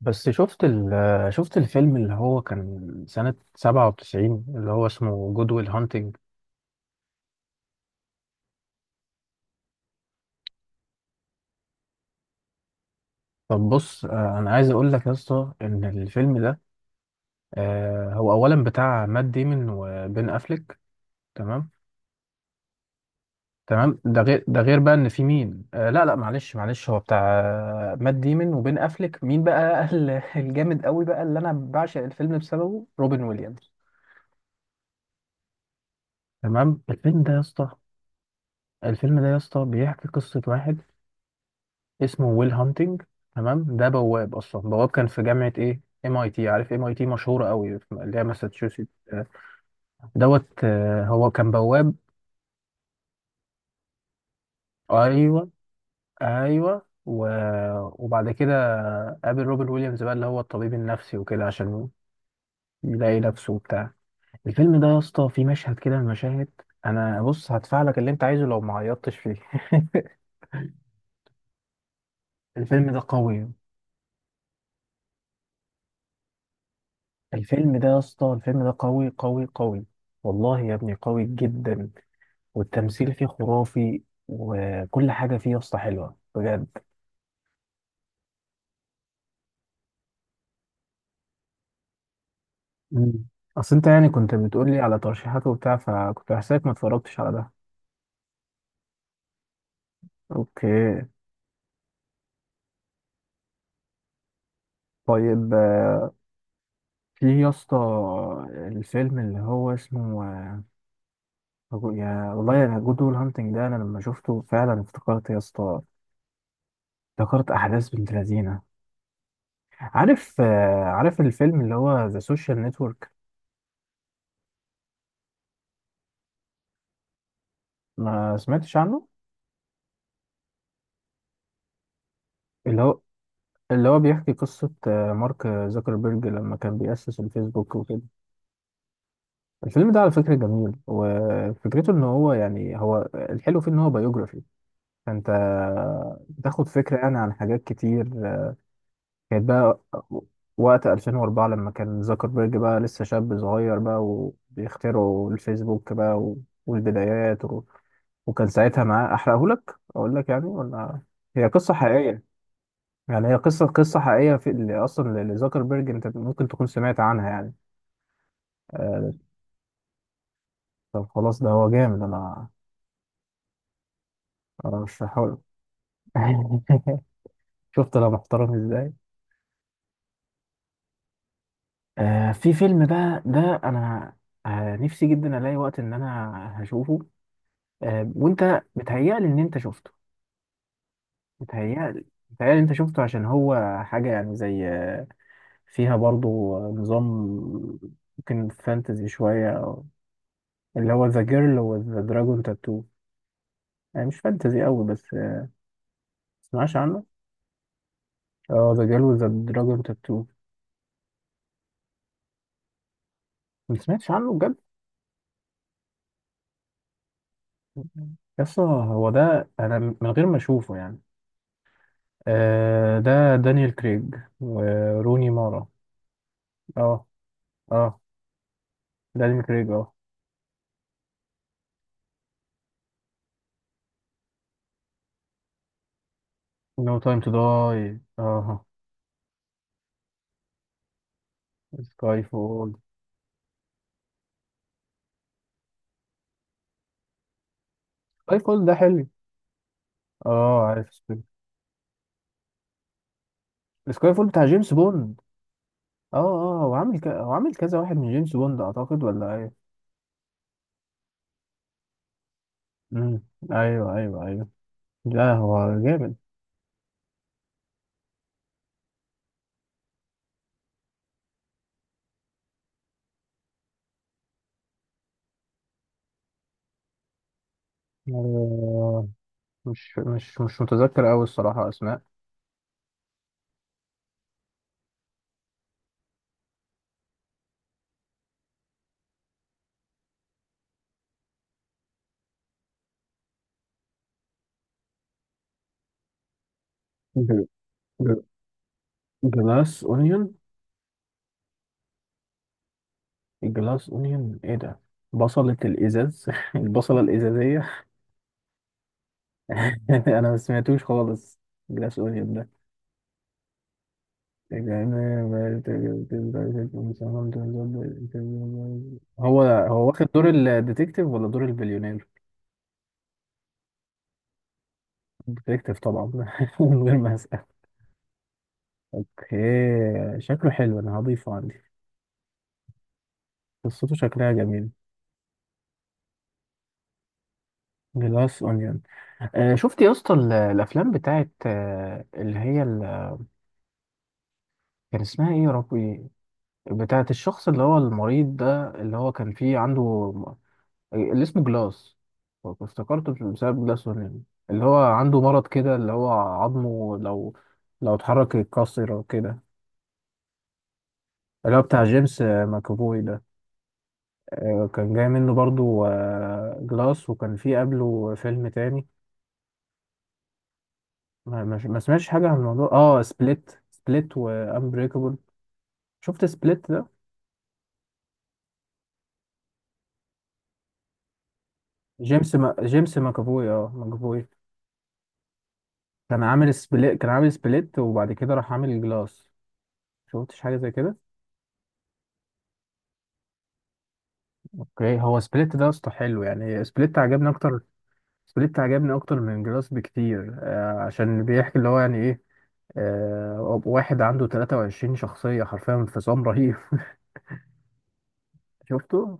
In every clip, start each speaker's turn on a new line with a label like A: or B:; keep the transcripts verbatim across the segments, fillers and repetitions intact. A: بس شفت ال شفت الفيلم اللي هو كان سنة سبعة وتسعين اللي هو اسمه جود ويل هانتنج. طب بص، آه، أنا عايز أقول لك يا اسطى إن الفيلم ده، آه، هو أولا بتاع مات ديمون وبين أفليك. تمام، تمام. ده غير، ده غير بقى إن في مين، آه، لا لا، معلش معلش، هو بتاع، آه، مات ديمون وبين أفليك، مين بقى ال- الجامد قوي بقى اللي أنا بعشق الفيلم بسببه، روبن ويليامز. تمام. الفيلم ده يا اسطى الفيلم ده يا اسطى بيحكي قصة واحد اسمه ويل هانتنج. تمام، ده بواب اصلا، بواب كان في جامعه ايه ام اي تي، عارف ام اي تي مشهوره قوي في- اللي هي ماساتشوست دوت. آه، هو كان بواب. ايوه، ايوه، و... وبعد كده قابل روبن ويليامز بقى اللي هو الطبيب النفسي وكده عشان يلاقي نفسه وبتاع. الفيلم ده يا اسطى فيه مشهد كده من المشاهد، انا بص هدفع لك اللي انت عايزه لو ما عيطتش فيه الفيلم ده قوي الفيلم ده يا اسطى، الفيلم ده قوي قوي قوي. والله يا ابني قوي جدا، والتمثيل فيه خرافي، وكل حاجة فيه يا اسطى حلوة بجد. مم. اصل انت يعني كنت بتقولي على ترشيحات وبتاع، فكنت حاسسك ما اتفرجتش على ده. اوكي. طيب، آه، في يا اسطى الفيلم اللي هو اسمه، آه، يا والله انا جود ويل هانتنج ده انا لما شفته فعلا افتكرت يا اسطى، افتكرت احداث بنت لذينه. عارف، آه، عارف الفيلم اللي هو ذا سوشيال نتورك؟ ما سمعتش عنه. اللي هو، اللي هو بيحكي قصة آه، مارك زوكربيرج لما كان بيأسس الفيسبوك وكده. الفيلم ده على فكرة جميل، وفكرته ان هو يعني هو الحلو فيه ان هو بايوجرافي، فانت بتاخد فكرة يعني عن حاجات كتير كانت بقى وقت ألفين وأربعة لما كان زوكربيرج بقى لسه شاب صغير بقى، وبيخترعوا الفيسبوك بقى، و- والبدايات، و... وكان ساعتها معاه احرقهولك اقول لك يعني ولا؟ هي قصة حقيقية، يعني هي قصة، قصة حقيقية في اللي أصلا لزكربرج، أنت ممكن تكون سمعت عنها يعني. آه، طب خلاص، ده هو جامد. أنا أنا مش هحاول. شفت أنا محترم إزاي؟ آه، في فيلم بقى، ده أنا آه، نفسي جدا ألاقي وقت إن أنا هشوفه. آه، وأنت بتهيألي إن أنت شفته، بتهيألي، بتهيألي أنت شفته، عشان هو حاجة يعني زي آه، فيها برضو آه، نظام، ممكن فانتزي شوية، اللي هو ذا جيرل وذ ذا دراجون تاتو. يعني مش فانتزي قوي، بس آه، ما تسمعش عنه. اه، ذا جيل وذ دراجون تاتو. ما سمعتش عنه بجد. يس هو ده، انا من غير ما اشوفه يعني. آه، ده دانيال كريج وروني مارا. اه، اه، دانيال كريج، اه. نو تايم تو داي، اه. سكاي فول. سكاي فول ده حلو، اه عارف. سكاي فول بتاع جيمس بوند. اه، اه، وعامل ك... وعامل كذا واحد من جيمس بوند اعتقد، ولا ايه؟ امم، ايوه ايوه ايوه، لا هو جامد. آه، مش مش مش متذكر أوي الصراحة أسماء. جل- جل- جلاس اونيون. الجلاس اونيون ايه ده؟ بصلة الازاز البصلة الازازية. انا ما سمعتوش خالص. جلاس اونيون ده، هو هو واخد دور الديتكتيف ولا دور البليونير؟ الديتكتيف طبعا. من غير ما اسأل. اوكي، شكله حلو، انا هضيفه عندي. قصته شكلها جميل. جلاس اونيون. آه، شفت يا اسطى ال- الافلام بتاعت آه، اللي هي ال- كان اسمها ايه يا ربي، بتاعت الشخص اللي هو المريض ده اللي هو كان فيه عنده م- اللي اسمه جلاس. افتكرته بسبب جلاس ونين. اللي هو عنده مرض كده، اللي هو عظمه لو، لو اتحرك يتكسر او كده. اللي هو بتاع جيمس آه، ماكافوي ده. آه، كان جاي منه برضو آه، جلاس، وكان فيه قبله فيلم تاني، ما ما- ما سمعتش حاجة عن الموضوع، اه، سبليت. سبليت وانبريكابل. شفت سبليت؟ جيمس ما... جيمس ماكافوي، اه ماكافوي. كان عامل سبليت، كان عامل سبليت وبعد كده راح عامل جلاس. شفتش حاجه زي كده؟ اوكي. هو سبليت ده اصلا حلو، يعني سبليت عجبني اكتر. سبليت عجبني اكتر من جلاس بكتير، آه، عشان بيحكي اللي هو يعني ايه، آه، واحد عنده تلاتة وعشرين شخصيه، حرفيا انفصام رهيب. شفته؟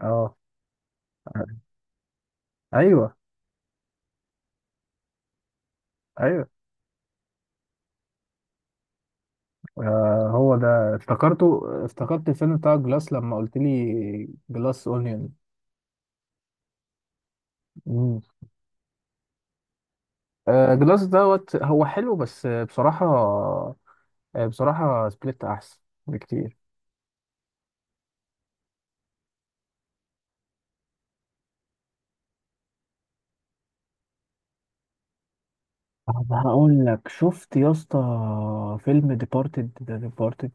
A: اه، ايوه، ايوه. آه، هو ده، افتكرته، افتكرت الفيلم بتاع جلاس لما قلت لي جلاس اونيون. آه، جلاس دوت، هو حلو بس آه، بصراحة، آه، بصراحة سبليت أحسن بكتير. طب هقول لك، شفت يا اسطى فيلم ديبارتد؟ ده ديبارتد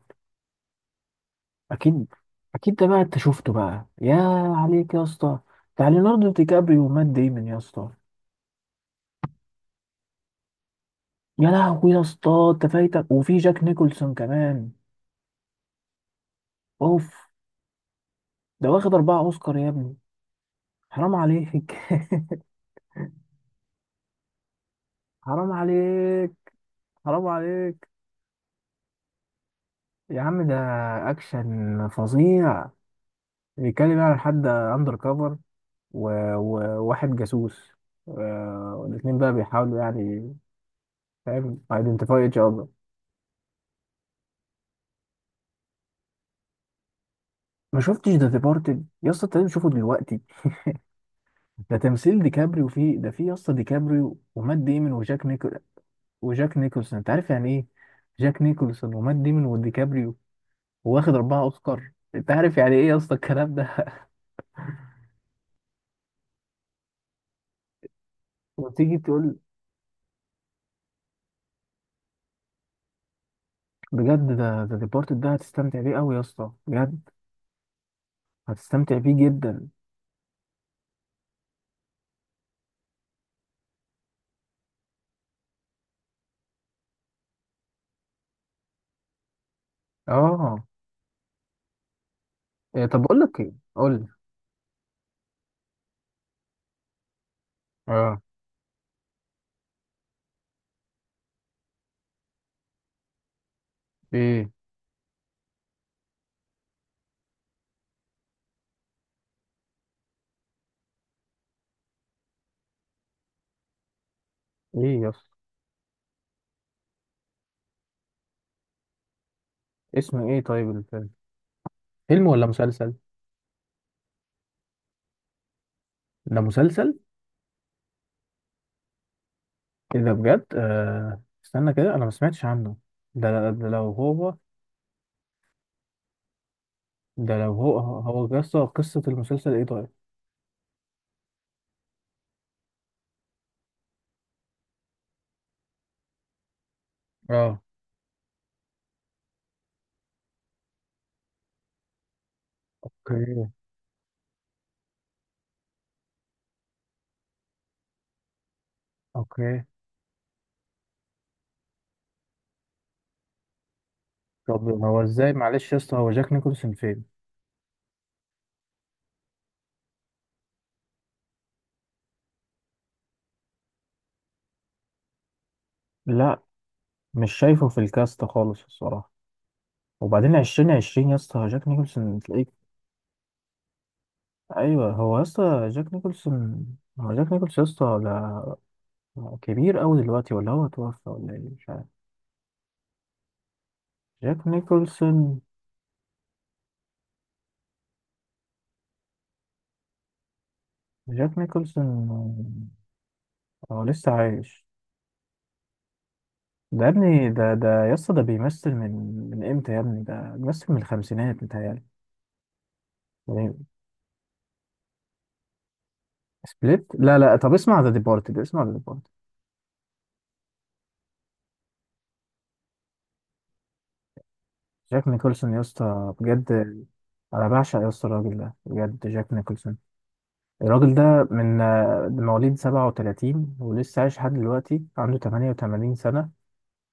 A: اكيد، اكيد ده بقى انت شفته بقى، يا عليك يا اسطى، بتاع ليوناردو دي كابريو ومات ديمون يا اسطى. يا لهوي يا اسطى، انت فايتك؟ وفي جاك نيكولسون كمان. اوف. ده واخد اربعة اوسكار يا ابني، حرام عليك. حرام عليك. حرام عليك. يا عم ده اكشن فظيع. بيتكلم يعني عن حد اندر كفر وواحد جاسوس، آه، والاتنين بقى بيحاولوا يعني، فاهم، ايدنتيفاي ايتش اذر. ما شفتش ذا ديبارتد يا اسطى؟ انت لازم تشوفه دلوقتي. ده تمثيل ديكابريو فيه، ده فيه يا اسطى ديكابريو ومات ديمون وجاك نيكول، وجاك نيكولسون انت عارف يعني ايه. جاك نيكولسون ومات ديمون وديكابريو، واخد اربعة اوسكار، انت عارف يعني ايه يا اسطى الكلام ده؟ وتيجي تقول؟ بجد ده، ذا ديبارتد ده هتستمتع بيه قوي يا اسطى، بجد هتستمتع بيه جدا. اه. إيه طب؟ بقول لك ايه، قول لي. اه، ايه، ايه يا اسطى؟ اسمه ايه طيب الفيلم؟ فيلم ولا مسلسل؟ ده مسلسل؟ ايه ده بجد! آه استنى كده، انا ما سمعتش عنه. ده، ده لو هو، ده لو هو، هو يا اسطى قصة المسلسل ايه طيب؟ اه، اوكي. اوكي. طب هو ازاي معلش يا اسطى، هو جاك نيكولسون فين؟ لا، مش شايفه في الكاست خالص الصراحة. وبعدين عشرين عشرين يا اسطى جاك نيكولسون تلاقيه؟ ايوه هو يا اسطى جاك نيكولسون. هو جاك نيكولسون يا اسطى ده، هو كبير أوي دلوقتي ولا هو توفى ولا إيه؟ مش عارف. جاك نيكولسون. جاك نيكولسون، آه، هو لسه عايش. ده يا ابني، ده ده يا اسطى ده بيمثل من، من امتى يا ابني ده بيمثل؟ من الخمسينات متهيألي، يعني. سبليت؟ لا لا، طب اسمع ذا ديبارتد، اسمع ذا ديبارتد. جاك نيكولسون يا اسطى بجد. انا بعشق يا اسطى الراجل ده بجد، جاك نيكولسون. الراجل ده من آه، مواليد سبعة وتلاتين ولسه عايش لحد دلوقتي، عنده تمانية وتمانين سنة،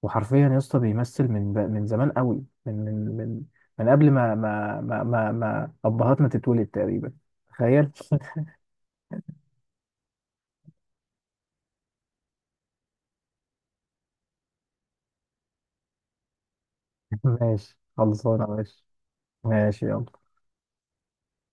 A: وحرفيا يا اسطى بيمثل من ب- من زمان قوي، من من من من قبل ما ما ما ما, ما ابهاتنا تتولد تقريبا. تخيل. ماشي، خلصانه ماشي. ماشي يلا.